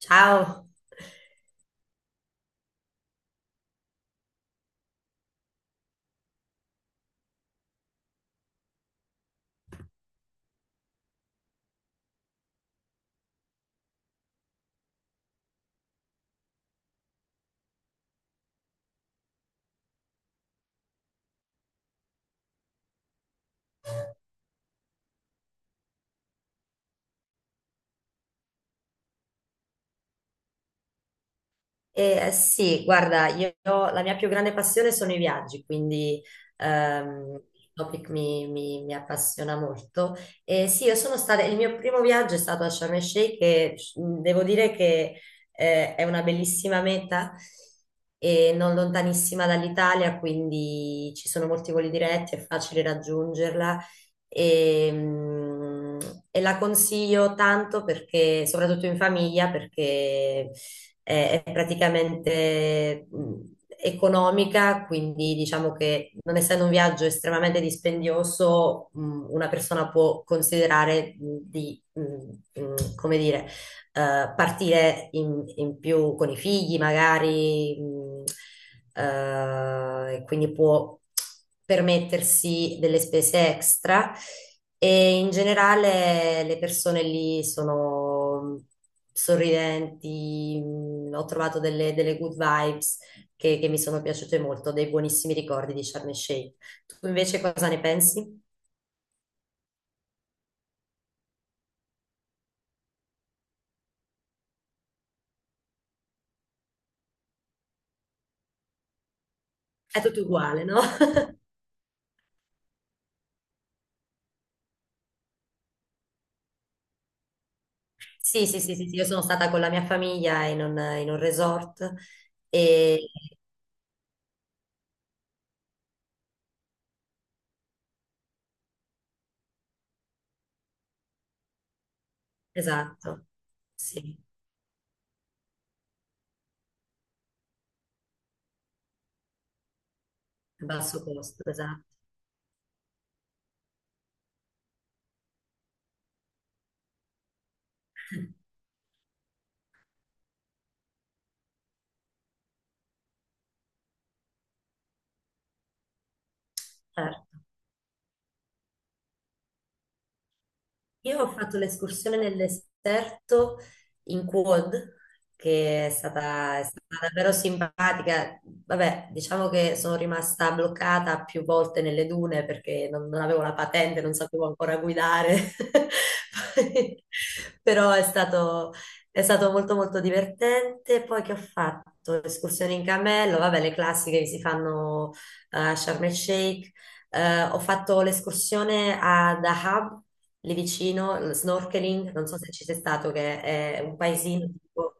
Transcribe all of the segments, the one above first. Ciao. Sì, guarda, io la mia più grande passione sono i viaggi, quindi il topic mi appassiona molto. E sì, io sono stata, il mio primo viaggio è stato a Sharm el Sheikh e devo dire che è una bellissima meta e non lontanissima dall'Italia, quindi ci sono molti voli diretti, è facile raggiungerla e, mh, e la consiglio tanto perché, soprattutto in famiglia, perché è praticamente economica, quindi diciamo che non essendo un viaggio estremamente dispendioso, una persona può considerare di come dire, partire in più con i figli, magari, e quindi può permettersi delle spese extra e in generale le persone lì sono sorridenti, ho trovato delle good vibes che mi sono piaciute molto, dei buonissimi ricordi di Sharm el Sheikh. Tu invece cosa ne pensi? È tutto uguale, no? Sì, sì, sì, sì, sì, io sono stata con la mia famiglia in un resort e esatto, sì, a basso costo, esatto. Certo. Io ho fatto l'escursione nel deserto in quad, che è stata davvero simpatica. Vabbè, diciamo che sono rimasta bloccata più volte nelle dune perché non avevo la patente, non sapevo ancora guidare. Poi- Però è stato molto molto divertente. Poi che ho fatto? Escursioni in cammello, vabbè, le classiche che si fanno a Sharm el Sheikh, ho fatto l'escursione a Dahab, lì vicino, il snorkeling, non so se ci sei stato, che è un paesino tipo.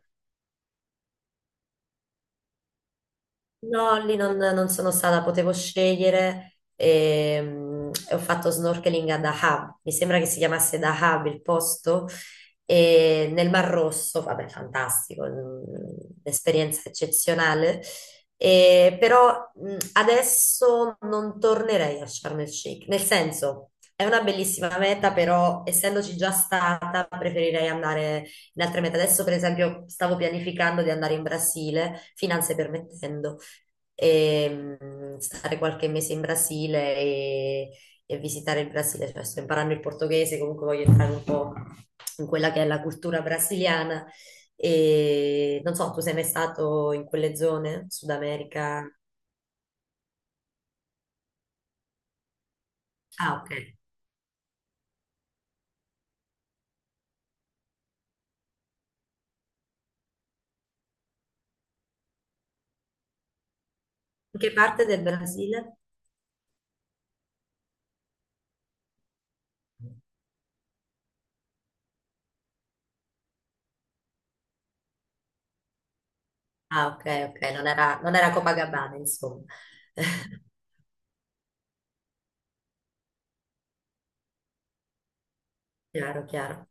No, lì non sono stata, potevo scegliere e ho fatto snorkeling a Dahab, mi sembra che si chiamasse Dahab il posto, e nel Mar Rosso, vabbè, fantastico, un'esperienza eccezionale. E però adesso non tornerei a Sharm el Sheikh, nel senso è una bellissima meta, però essendoci già stata preferirei andare in altre mete. Adesso per esempio stavo pianificando di andare in Brasile, finanze permettendo e stare qualche mese in Brasile e visitare il Brasile. Cioè, sto imparando il portoghese, comunque voglio entrare un po' in quella che è la cultura brasiliana. E non so, tu sei mai stato in quelle zone, Sud America? Ah, ok. In che parte del Brasile? Ah, ok, ok, non era Copacabana, insomma. Chiaro, chiaro.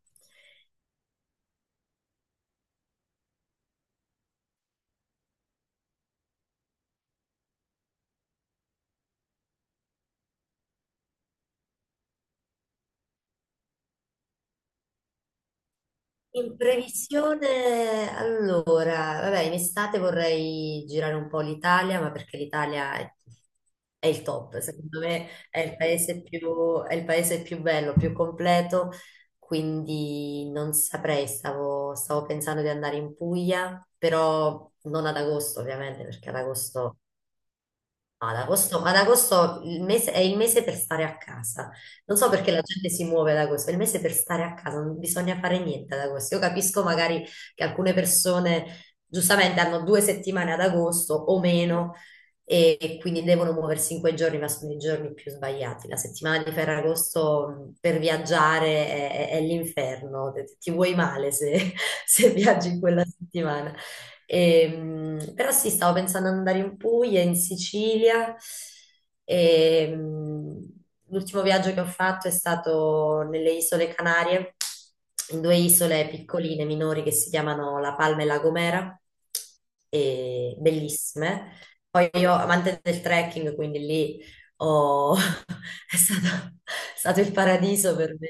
In previsione, allora, vabbè, in estate vorrei girare un po' l'Italia, ma perché l'Italia è il top, secondo me è il paese più bello, più completo, quindi non saprei, stavo pensando di andare in Puglia, però non ad agosto ovviamente, perché ad agosto è il mese per stare a casa. Non so perché la gente si muove ad agosto, è il mese per stare a casa, non bisogna fare niente ad agosto. Io capisco magari che alcune persone giustamente hanno 2 settimane ad agosto o meno e quindi devono muoversi in quei giorni, ma sono i giorni più sbagliati. La settimana di Ferragosto per viaggiare è l'inferno, ti vuoi male se se viaggi in quella settimana. Però sì, stavo pensando ad andare in Puglia, in Sicilia. Ehm, L'ultimo viaggio che ho fatto è stato nelle Isole Canarie, in due isole piccoline, minori, che si chiamano La Palma e La Gomera, e bellissime. Poi io, amante del trekking, quindi lì è stato il paradiso per me.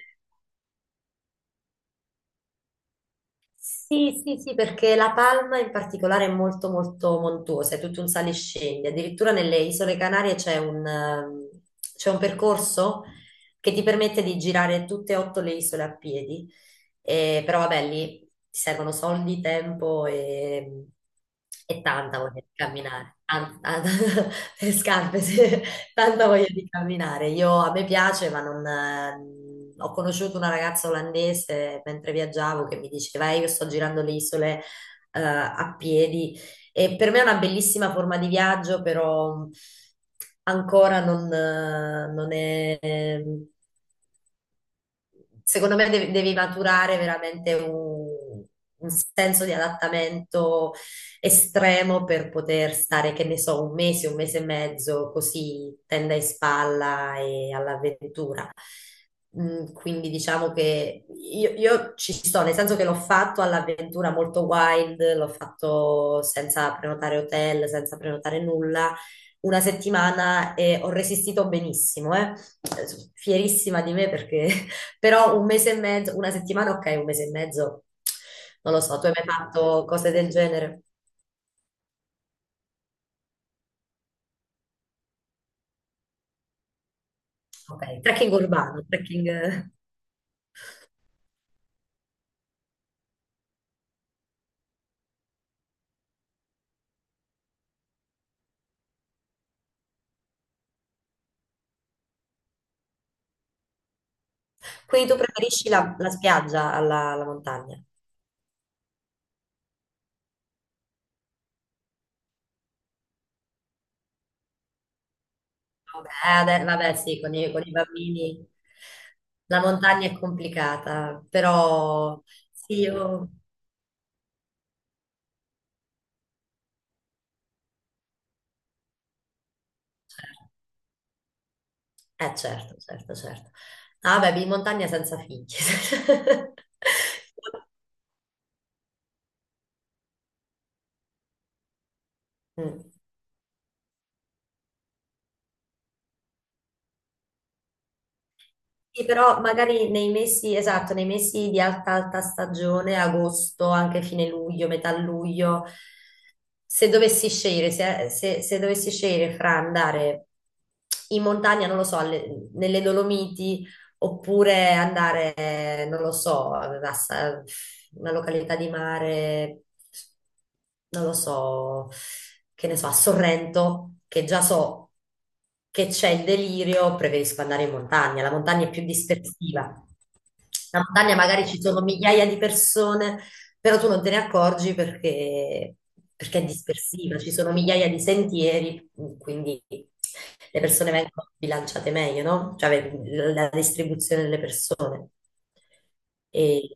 Sì, sì, sì, perché La Palma in particolare è molto molto montuosa, è tutto un sale e scendi. Addirittura nelle Isole Canarie c'è un percorso che ti permette di girare tutte e otto le isole a piedi. Però vabbè, lì ti servono soldi, tempo ehm, e tanta voglia di camminare. Le scarpe, sì. Tanta voglia di camminare. Io, a me piace, ma non. Ho conosciuto una ragazza olandese mentre viaggiavo che mi diceva, io sto girando le isole a piedi e per me è una bellissima forma di viaggio, però ancora non è secondo me devi, maturare veramente un senso di adattamento estremo per poter stare, che ne so, un mese e mezzo, così tenda in spalla e all'avventura. Quindi diciamo che io ci sto, nel senso che l'ho fatto all'avventura molto wild, l'ho fatto senza prenotare hotel, senza prenotare nulla una settimana e ho resistito benissimo, eh. Fierissima di me perché però un mese e mezzo, una settimana, ok, un mese e mezzo, non lo so, tu hai mai fatto cose del genere? Ok, trekking urbano, trekking. Quindi tu preferisci la spiaggia alla montagna? Ok, vabbè, sì, con i bambini la montagna è complicata, però sì, io. Eh certo, certo, certo. Ah, vabbè, in montagna senza figli. Mm. Sì, però magari nei mesi, esatto, nei mesi di alta stagione, agosto, anche fine luglio, metà luglio, se dovessi scegliere fra andare in montagna, non lo so, nelle Dolomiti, oppure andare, non lo so, una località di mare, non lo so, che ne so, a Sorrento, che già so che c'è il delirio, preferisco andare in montagna. La montagna è più dispersiva. La montagna magari ci sono migliaia di persone però tu non te ne accorgi perché è dispersiva, ci sono migliaia di sentieri, quindi le persone vengono bilanciate meglio, no? Cioè vedi, la distribuzione delle persone. E,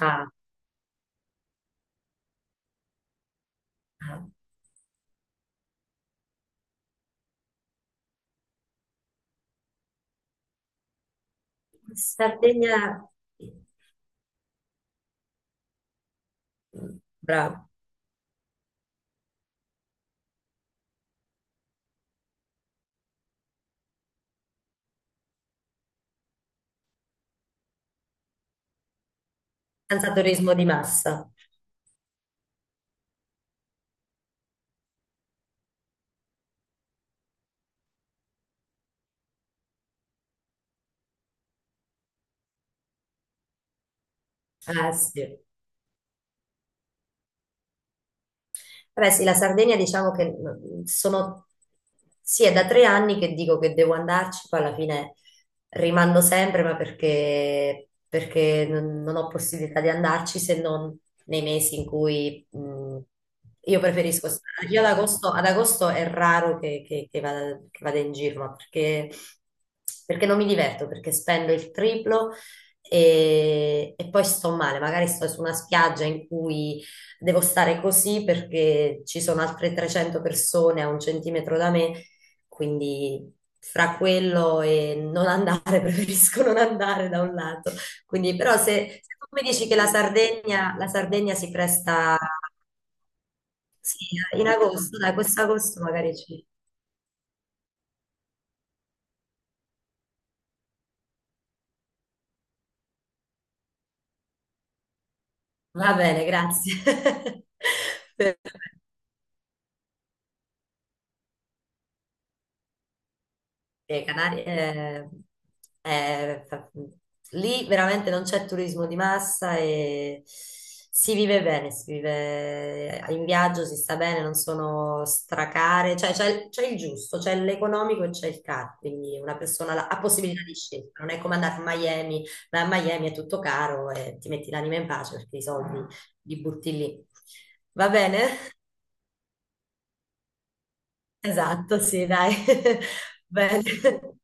ah, ah, Sardegna, bravo, senza turismo di massa. Ah, sì. Beh, sì, la Sardegna diciamo che sì, è da 3 anni che dico che devo andarci, poi alla fine rimando sempre, ma perché non ho possibilità di andarci se non nei mesi in cui io preferisco stare. Io ad agosto è raro che vada in giro, ma perché non mi diverto, perché spendo il triplo e poi sto male, magari sto su una spiaggia in cui devo stare così perché ci sono altre 300 persone a un centimetro da me, quindi fra quello e non andare, preferisco non andare da un lato. Quindi, però se tu mi dici che la Sardegna si presta, sì, in agosto, dai, questo agosto magari ci. Va bene, grazie. Per- Le Canarie, eh, fa- lì veramente non c'è turismo di massa e si vive bene, si vive in viaggio, si sta bene, non sono stracare, cioè c'è il giusto, c'è l'economico e c'è il caro, quindi una persona ha possibilità di scelta, non è come andare a Miami, ma a Miami è tutto caro e ti metti l'anima in pace perché i soldi li butti lì. Va bene? Esatto, sì, dai. Bene.